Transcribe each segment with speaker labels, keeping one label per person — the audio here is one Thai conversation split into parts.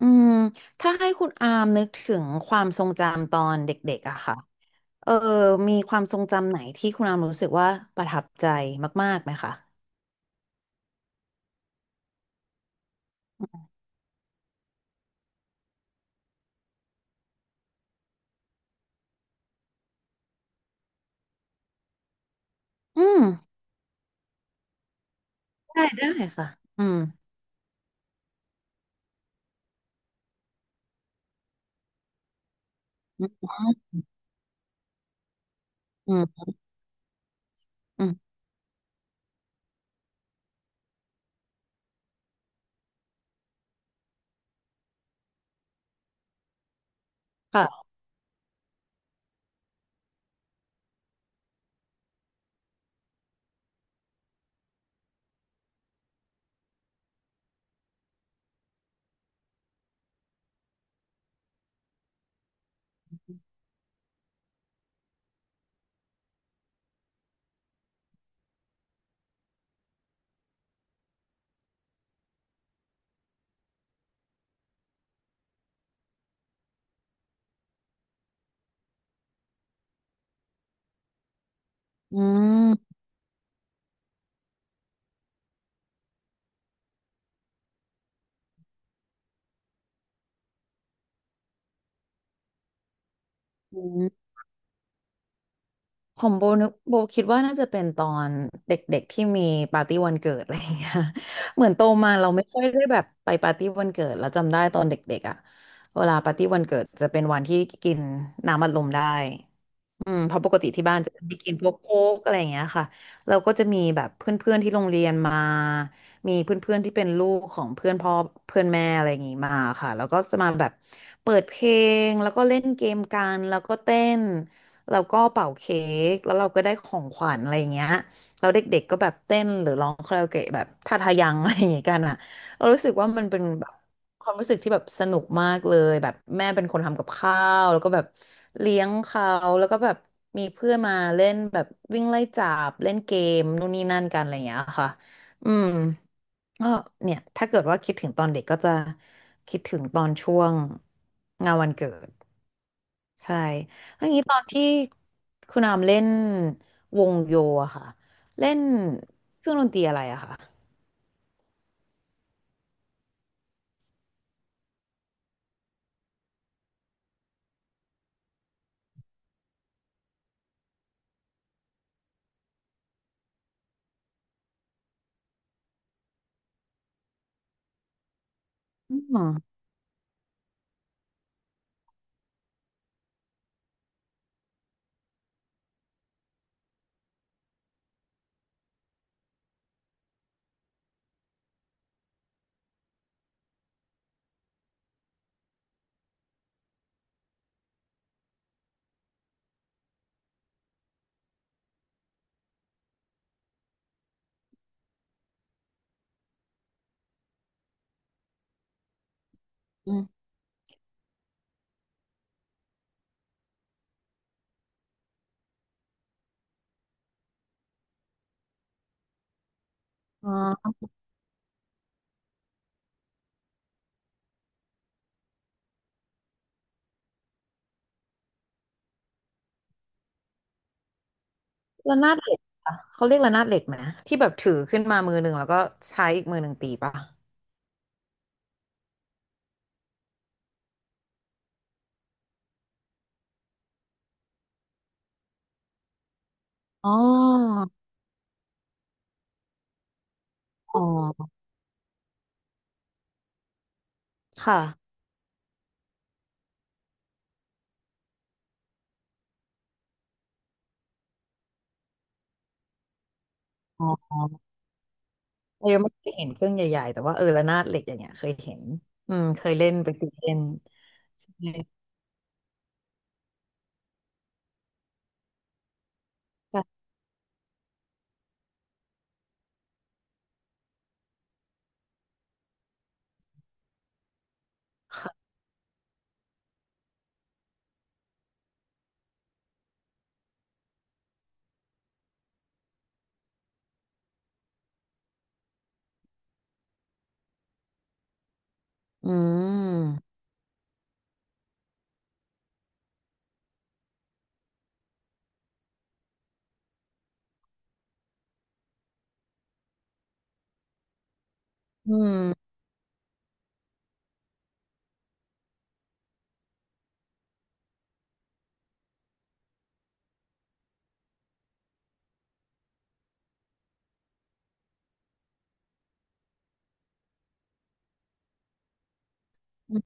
Speaker 1: อืมถ้าให้คุณอามนึกถึงความทรงจำตอนเด็กๆอะค่ะเออมีความทรงจำไหนที่คุณอามรู้สึกว่าประทับใจมากๆไหมคะอืมได้ค่ะอืมอืมอืมอืมค่ะอืมอืมของโบคิดว่าน่าจะเป็นตอนเด็กๆที่มีปาร์ตี้วันเกิดอะไรอย่างเงี้ย เหมือนโตมาเราไม่ค่อยได้แบบไปปาร์ตี้วันเกิดแล้วจำได้ตอนเด็กๆอะเวลาปาร์ตี้วันเกิดจะเป็นวันที่กินน้ำอัดลมได้ อืมเพราะปกติที่บ้านจะไม่กินพวกโค้กอะไรอย่างเงี้ยค่ะเราก็จะมีแบบเพื่อนๆที่โรงเรียนมามีเพื่อนๆที่เป็นลูกของเพื่อนพ่อเพื่อนแม่อะไรอย่างงี้มาค่ะแล้วก็จะมาแบบเปิดเพลงแล้วก็เล่นเกมกันแล้วก็เต้นแล้วก็เป่าเค้กแล้วเราก็ได้ของขวัญอะไรอย่างเงี้ยแล้วเด็กๆก็แบบเต้นหรือร้องคาราโอเกะแบบท่าทายังอะไรอย่างงี้กันอ่ะ เรารู้สึกว่ามันเป็นแบบความรู้สึกที่แบบสนุกมากเลยแบบแม่เป็นคนทำกับข้าวแล้วก็แบบเลี้ยงเขาแล้วก็แบบมีเพื่อนมาเล่นแบบวิ่งไล่จับเล่นเกมนู่นนี่นั่นกันอะไรอย่างเงี้ยค่ะอืมก็เนี่ยถ้าเกิดว่าคิดถึงตอนเด็กก็จะคิดถึงตอนช่วงงานวันเกิดใช่แล้วอย่างนี้ตอนที่ คุณอามเล่นวงโยอะค่ะเล่นเครื่องดนตรีอะไรอะค่ะอืมอมอ๋อ ระนาดเหล็กเหรอเขาเรียกระนาดเหล็กไหมที่แบบถือขึ้นมามือหนึ่งแล้วก็ใช้อีกมือหนึ่งตีป่ะอ๋ออ๋อค่ะอ๋อเรายังไม่เคยเห็นเครื่องใหญ่ๆแต่ว่าระนาดเหล็กอย่างเงี้ยเคยเห็นอืมเคยเล่นไปตีเล่นใช่ค่ะค่ะอืมอืมอืม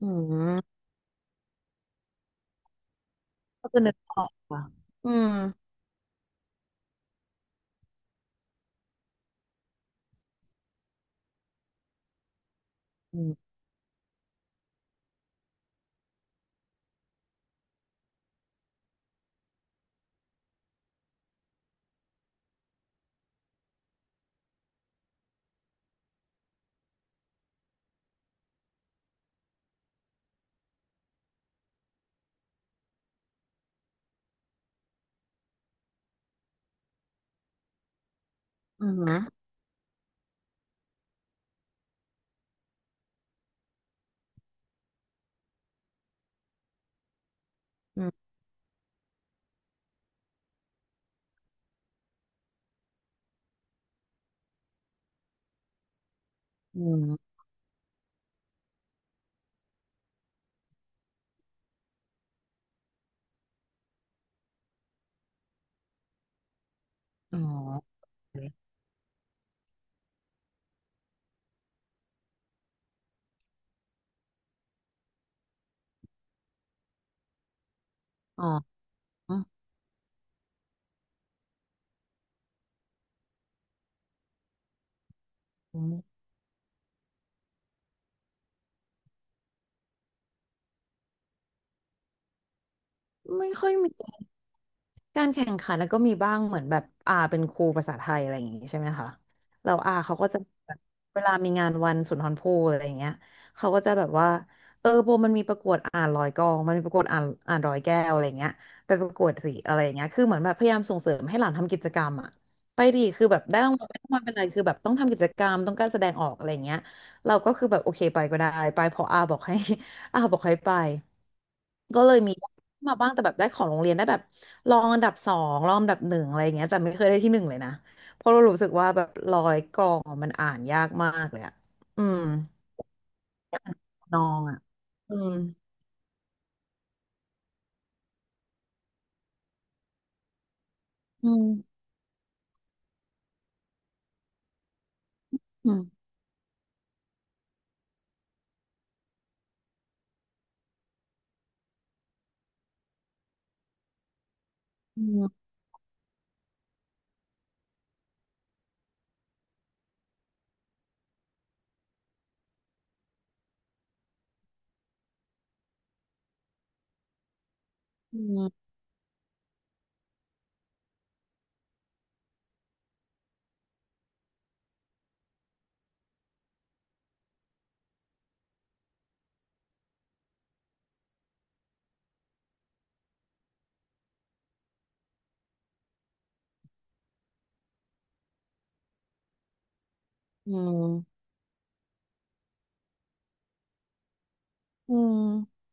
Speaker 1: อก็จะนึกออกค่ะอืมอืมอืมนะอืมอืมอ๋ออ๋ออืมไม่ค่อยมี การแข่งขันแล้วก็มีบ้างเหมือนแบบอาเป็นครูภาษาไทยอะไรอย่างงี้ใช่ไหมคะแล้วอาเขาก็จะแบบเวลามีงานวันสุนทรภู่อะไรอย่างเงี้ยเขาก็จะแบบว่าโบมันมีประกวดอ่านร้อยกลองมันมีประกวดอ่านร้อยแก้วอะไรอย่างเงี้ยไปประกวดสิอะไรอย่างเงี้ยคือเหมือนแบบพยายามส่งเสริมให้หลานทำกิจกรรมอะไปดีคือแบบได้รางวัลไม่ได้รางวัลเป็นไรคือแบบต้องทำกิจกรรมต้องการแสดงออกอะไรอย่างเงี้ยเราก็คือแบบโอเคไปก็ได้ไปเพออาบอกให้ อาบอกให้ไปก็เลยมี มาบ้างแต่แบบได้ของโรงเรียนได้แบบรองอันดับสองรองอันดับหนึ่งอะไรอย่างเงี้ยแต่ไม่เคยได้ที่หนึ่งเลยนะเพราะเรารู้สึกว่าแบบร้อยกรองอะมันอ่านยากมากเลยอะอืมนองอะอืมอืมอืมอืมอืมอืมอืม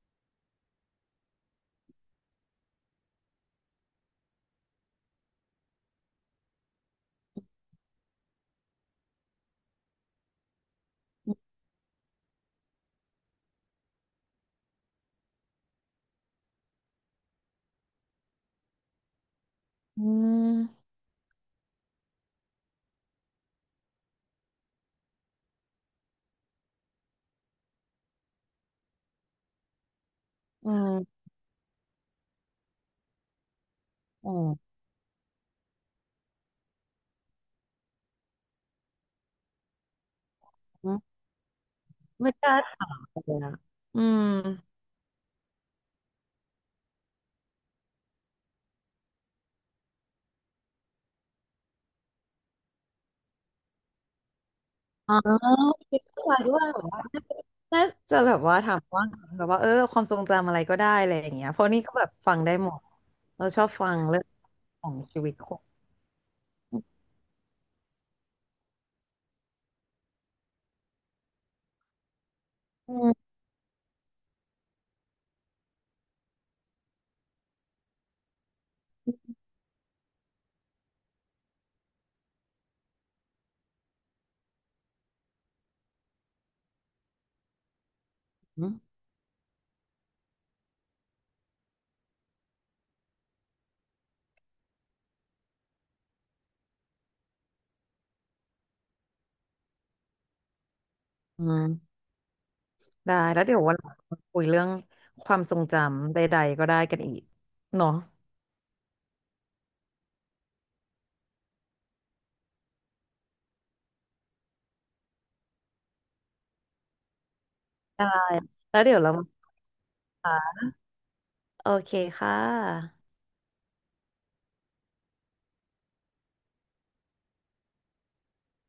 Speaker 1: อืมอืมอืมไม่กล้าถามเลยอะอืมอ๋อคิดว่า น่าจะแบบว่าถามว่างแบบว่าความทรงจำอะไรก็ได้อะไรอย่างเงี้ยเพราะนี่ก็แบบฟังได้หมดเราชอบฟังเรื่องของชีวิตคนอืมอืมได้แล้วเดี๋ยววันหลังมาคุยเรื่องความทรงจำใดๆก็ได้กันอีกเนาะได้แล้วเดี๋ยวเรามาโอเคค่ะ